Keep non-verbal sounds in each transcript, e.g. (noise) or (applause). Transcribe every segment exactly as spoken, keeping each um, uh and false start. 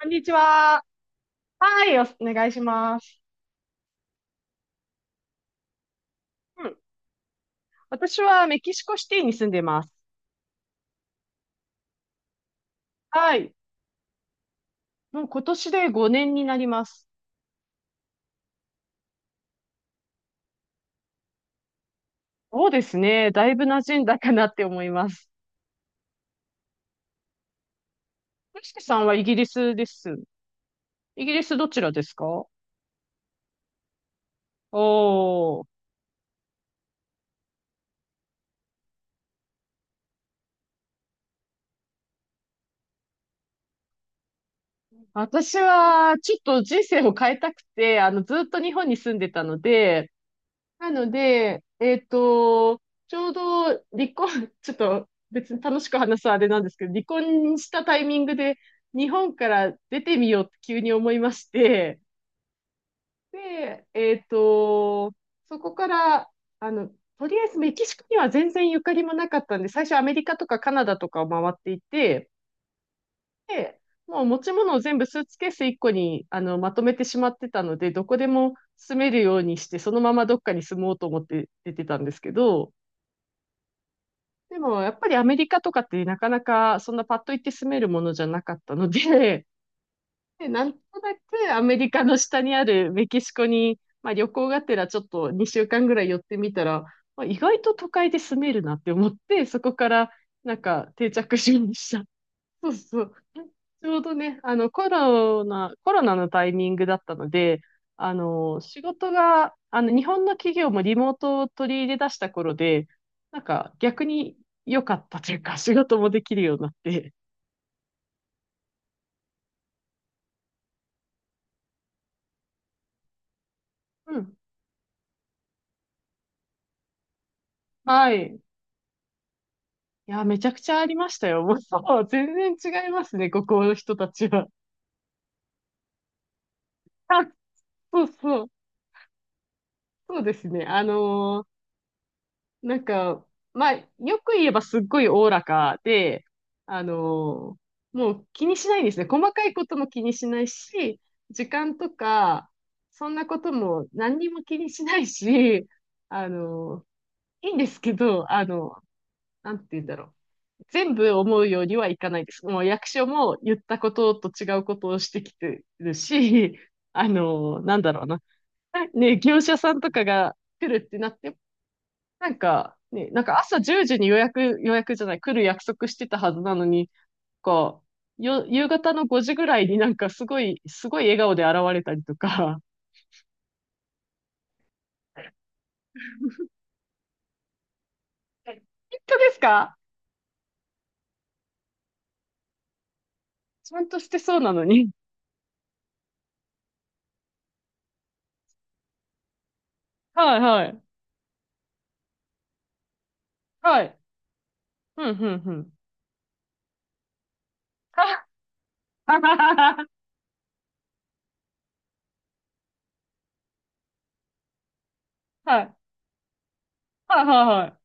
こんにちは。はい、お、お願いします。うん。私はメキシコシティに住んでます。はい。もう今年でごねんになります。そうですね。だいぶ馴染んだかなって思います。よしきさんはイギリスです。イギリスどちらですか？おー。私は、ちょっと人生を変えたくて、あの、ずっと日本に住んでたので、なので、えっと、ちょうど離婚、(laughs) ちょっと別に楽しく話すあれなんですけど、離婚したタイミングで日本から出てみようって急に思いまして、で、えっと、そこから、あの、とりあえずメキシコには全然ゆかりもなかったんで、最初アメリカとかカナダとかを回っていて、で、もう持ち物を全部スーツケースいっこにあのまとめてしまってたので、どこでも住めるようにして、そのままどっかに住もうと思って出てたんですけど、でも、やっぱりアメリカとかってなかなかそんなパッと行って住めるものじゃなかったので、(laughs) で、なんとなくアメリカの下にあるメキシコに、まあ旅行がてらちょっとにしゅうかんぐらい寄ってみたら、まあ、意外と都会で住めるなって思って、そこからなんか定着しました。そうそう。ちょうどね、あの、コロナ、コロナのタイミングだったので、あの、仕事が、あの、日本の企業もリモートを取り入れ出した頃で、なんか逆に良かったというか、仕事もできるようになって。うん。はい。いや、めちゃくちゃありましたよ。もう、そう全然違いますね、ここの人たちは。(laughs) あ、そうそう。そうですね。あのなんか、まあ、よく言えばすっごいおおらかで、あのーもう気にしないんですね。細かいことも気にしないし、時間とか、そんなことも何にも気にしないし、あのーいいんですけど、あの、なんて言うんだろう。全部思うようにはいかないです。もう役所も言ったことと違うことをしてきてるし、あのーなんだろうな。ね、業者さんとかが来るってなってなんか、ね、なんか朝じゅうじに予約、予約じゃない、来る約束してたはずなのに、こう、よ、夕方のごじぐらいになんかすごい、すごい笑顔で現れたりとか。はい。本当ですか？ちゃんとしてそうなのに。はいはい。はい。うんうんうん。はははは。はい。はいはいはい。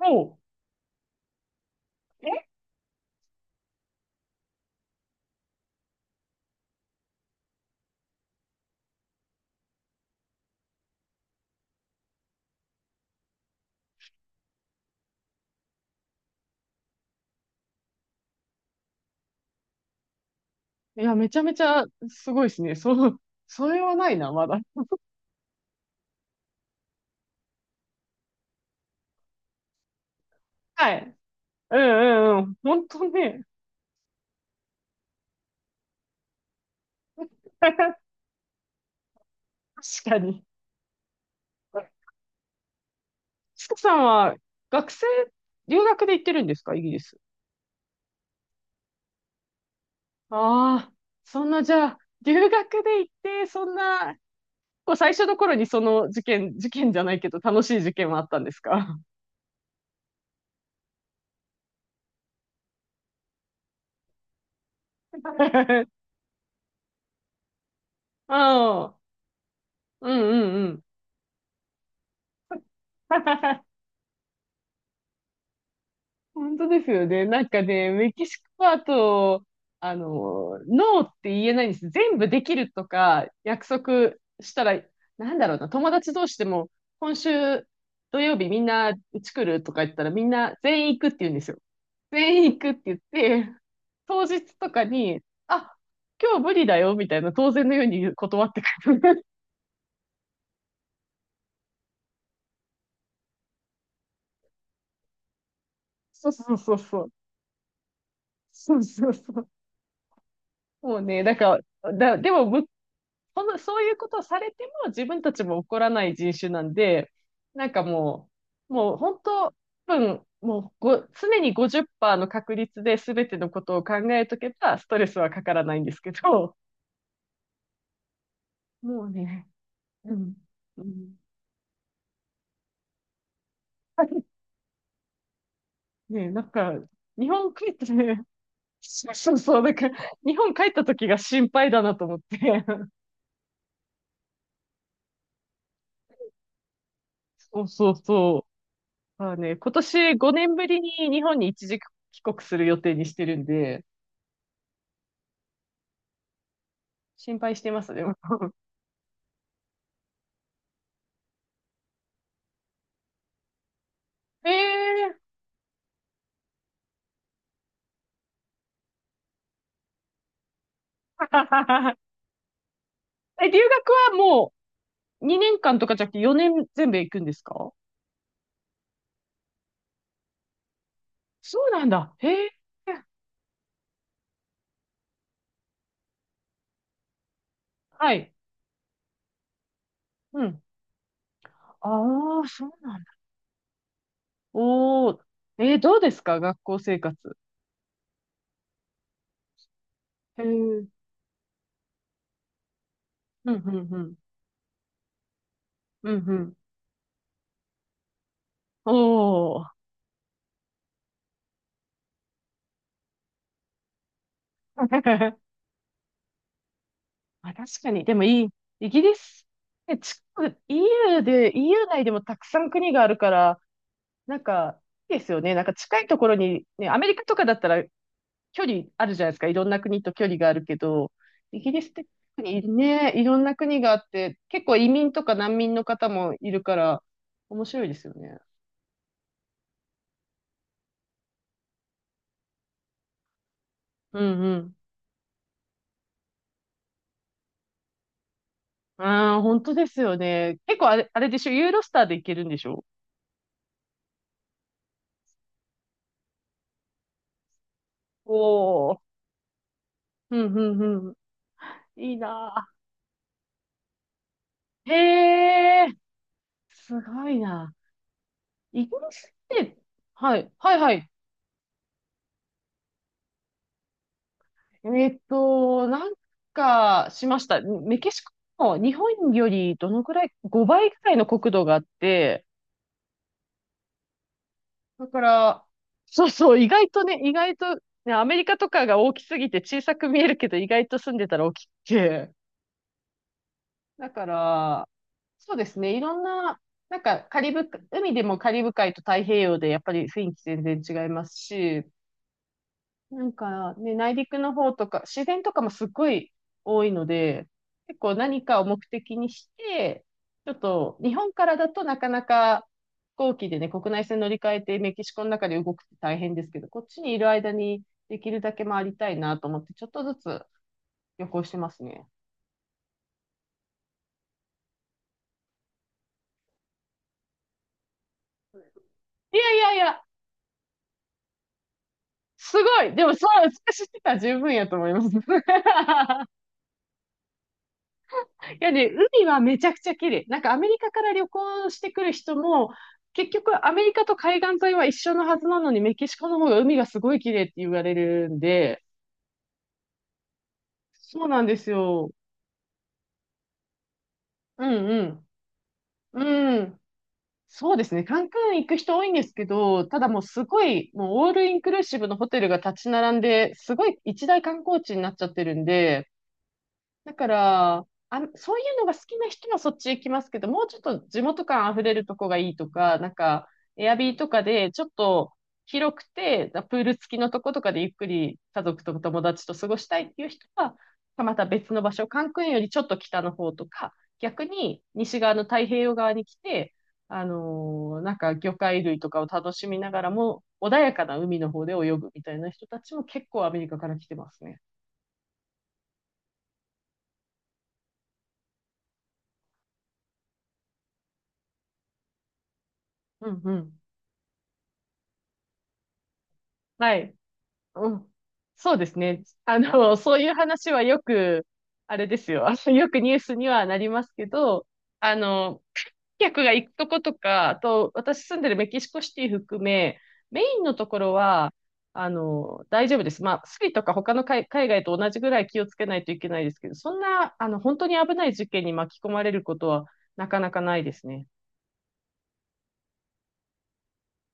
おう。え。いや、めちゃめちゃすごいですね。そう、それはないな、まだ。はい。うんうんうん。本当ね。(laughs) 確かに。ちかさんは学生、留学で行ってるんですか、イギリス。ああ、そんな、じゃあ、留学で行って、そんな、こう最初の頃にその事件、事件じゃないけど、楽しい事件はあったんですか？うん。 (laughs)、うん、うん、うん。本当ですよね。なんかね、メキシコパート。あの、ノーって言えないんです。全部できるとか約束したら、なんだろうな、友達同士でも、今週土曜日みんなうち来るとか言ったらみんな全員行くって言うんですよ。全員行くって言って、当日とかに、あ、今日無理だよみたいな当然のように断ってくる。(laughs) そうそうそうそう。そうそうそう。もうね、だから、だ、でも向この、そういうことをされても自分たちも怒らない人種なんで、なんかもう、もう本当、多分、もうご、常にごじゅうパーセントの確率で全てのことを考えとけば、ストレスはかからないんですけど、もうね、うん、うん。ね、なんか、日本帰ってね、そうそうそう、なんか、日本帰った時が心配だなと思って。そうそうそう。まあね、今年ごねんぶりに日本に一時帰国する予定にしてるんで、心配してます、でも。ええー。 (laughs) え、留学はもうにねんかんとかじゃなくてよねん全部行くんですか？そうなんだ。へえ。はい。うん。ああ、そうなんだ。おお。えー、どうですか学校生活。へえ。うんうんうん。うんうん。おお。(laughs) まあ、確かに。でもいい。イギリス。え、ち、イーユー で、イーユー 内でもたくさん国があるから、なんか、いいですよね。なんか近いところに、ね、アメリカとかだったら距離あるじゃないですか。いろんな国と距離があるけど、イギリスって特にね、いろんな国があって、結構移民とか難民の方もいるから、面白いですよね。うんうん。ああ、本当ですよね。結構あれ、あれでしょ、ユーロスターで行けるんでしょ？おおー。うんうんうん。いいなぁ。へえ、すごいな。イギリスって、はい、はいはい。えっと、なんかしました。メキシコも日本よりどのくらい、ごばいくらいの国土があって、だから、そうそう、意外とね、意外と、ね、アメリカとかが大きすぎて小さく見えるけど、意外と住んでたら大きくて。だから、そうですね、いろんな、なんかカリブ、海でもカリブ海と太平洋でやっぱり雰囲気全然違いますし、なんかね、内陸の方とか、自然とかもすっごい多いので、結構何かを目的にして、ちょっと日本からだとなかなか飛行機でね、国内線乗り換えてメキシコの中で動くって大変ですけど、こっちにいる間にできるだけ回りたいなと思って、ちょっとずつ旅行してますね。いやいやいや、すごいでもそれ、私知ってたら十分やと思います。(laughs) いやね、海はめちゃくちゃ綺麗。なんかアメリカから旅行してくる人も、結局アメリカと海岸沿いは一緒のはずなのに、メキシコの方が海がすごい綺麗って言われるんで、そうなんですよ。うんうん。うん。そうですね。カンクン行く人多いんですけど、ただもうすごい、もうオールインクルーシブのホテルが立ち並んで、すごい一大観光地になっちゃってるんで、だから、あ、そういうのが好きな人はそっち行きますけど、もうちょっと地元感溢れるとこがいいとか、なんか、エアビーとかでちょっと広くて、プール付きのとことかでゆっくり家族と友達と過ごしたいっていう人は、また別の場所、カンクンよりちょっと北の方とか、逆に西側の太平洋側に来て、あのーなんか魚介類とかを楽しみながらも、穏やかな海の方で泳ぐみたいな人たちも結構アメリカから来てますね。うんうん。はい。うん。そうですね。あの、そういう話はよく、あれですよ。(laughs) あのよくニュースにはなりますけど、あの、客が行くとことか、あと、私住んでるメキシコシティ含め、メインのところは、あの、大丈夫です。まあ、スリとか他の海、海外と同じぐらい気をつけないといけないですけど、そんな、あの、本当に危ない事件に巻き込まれることはなかなかないですね。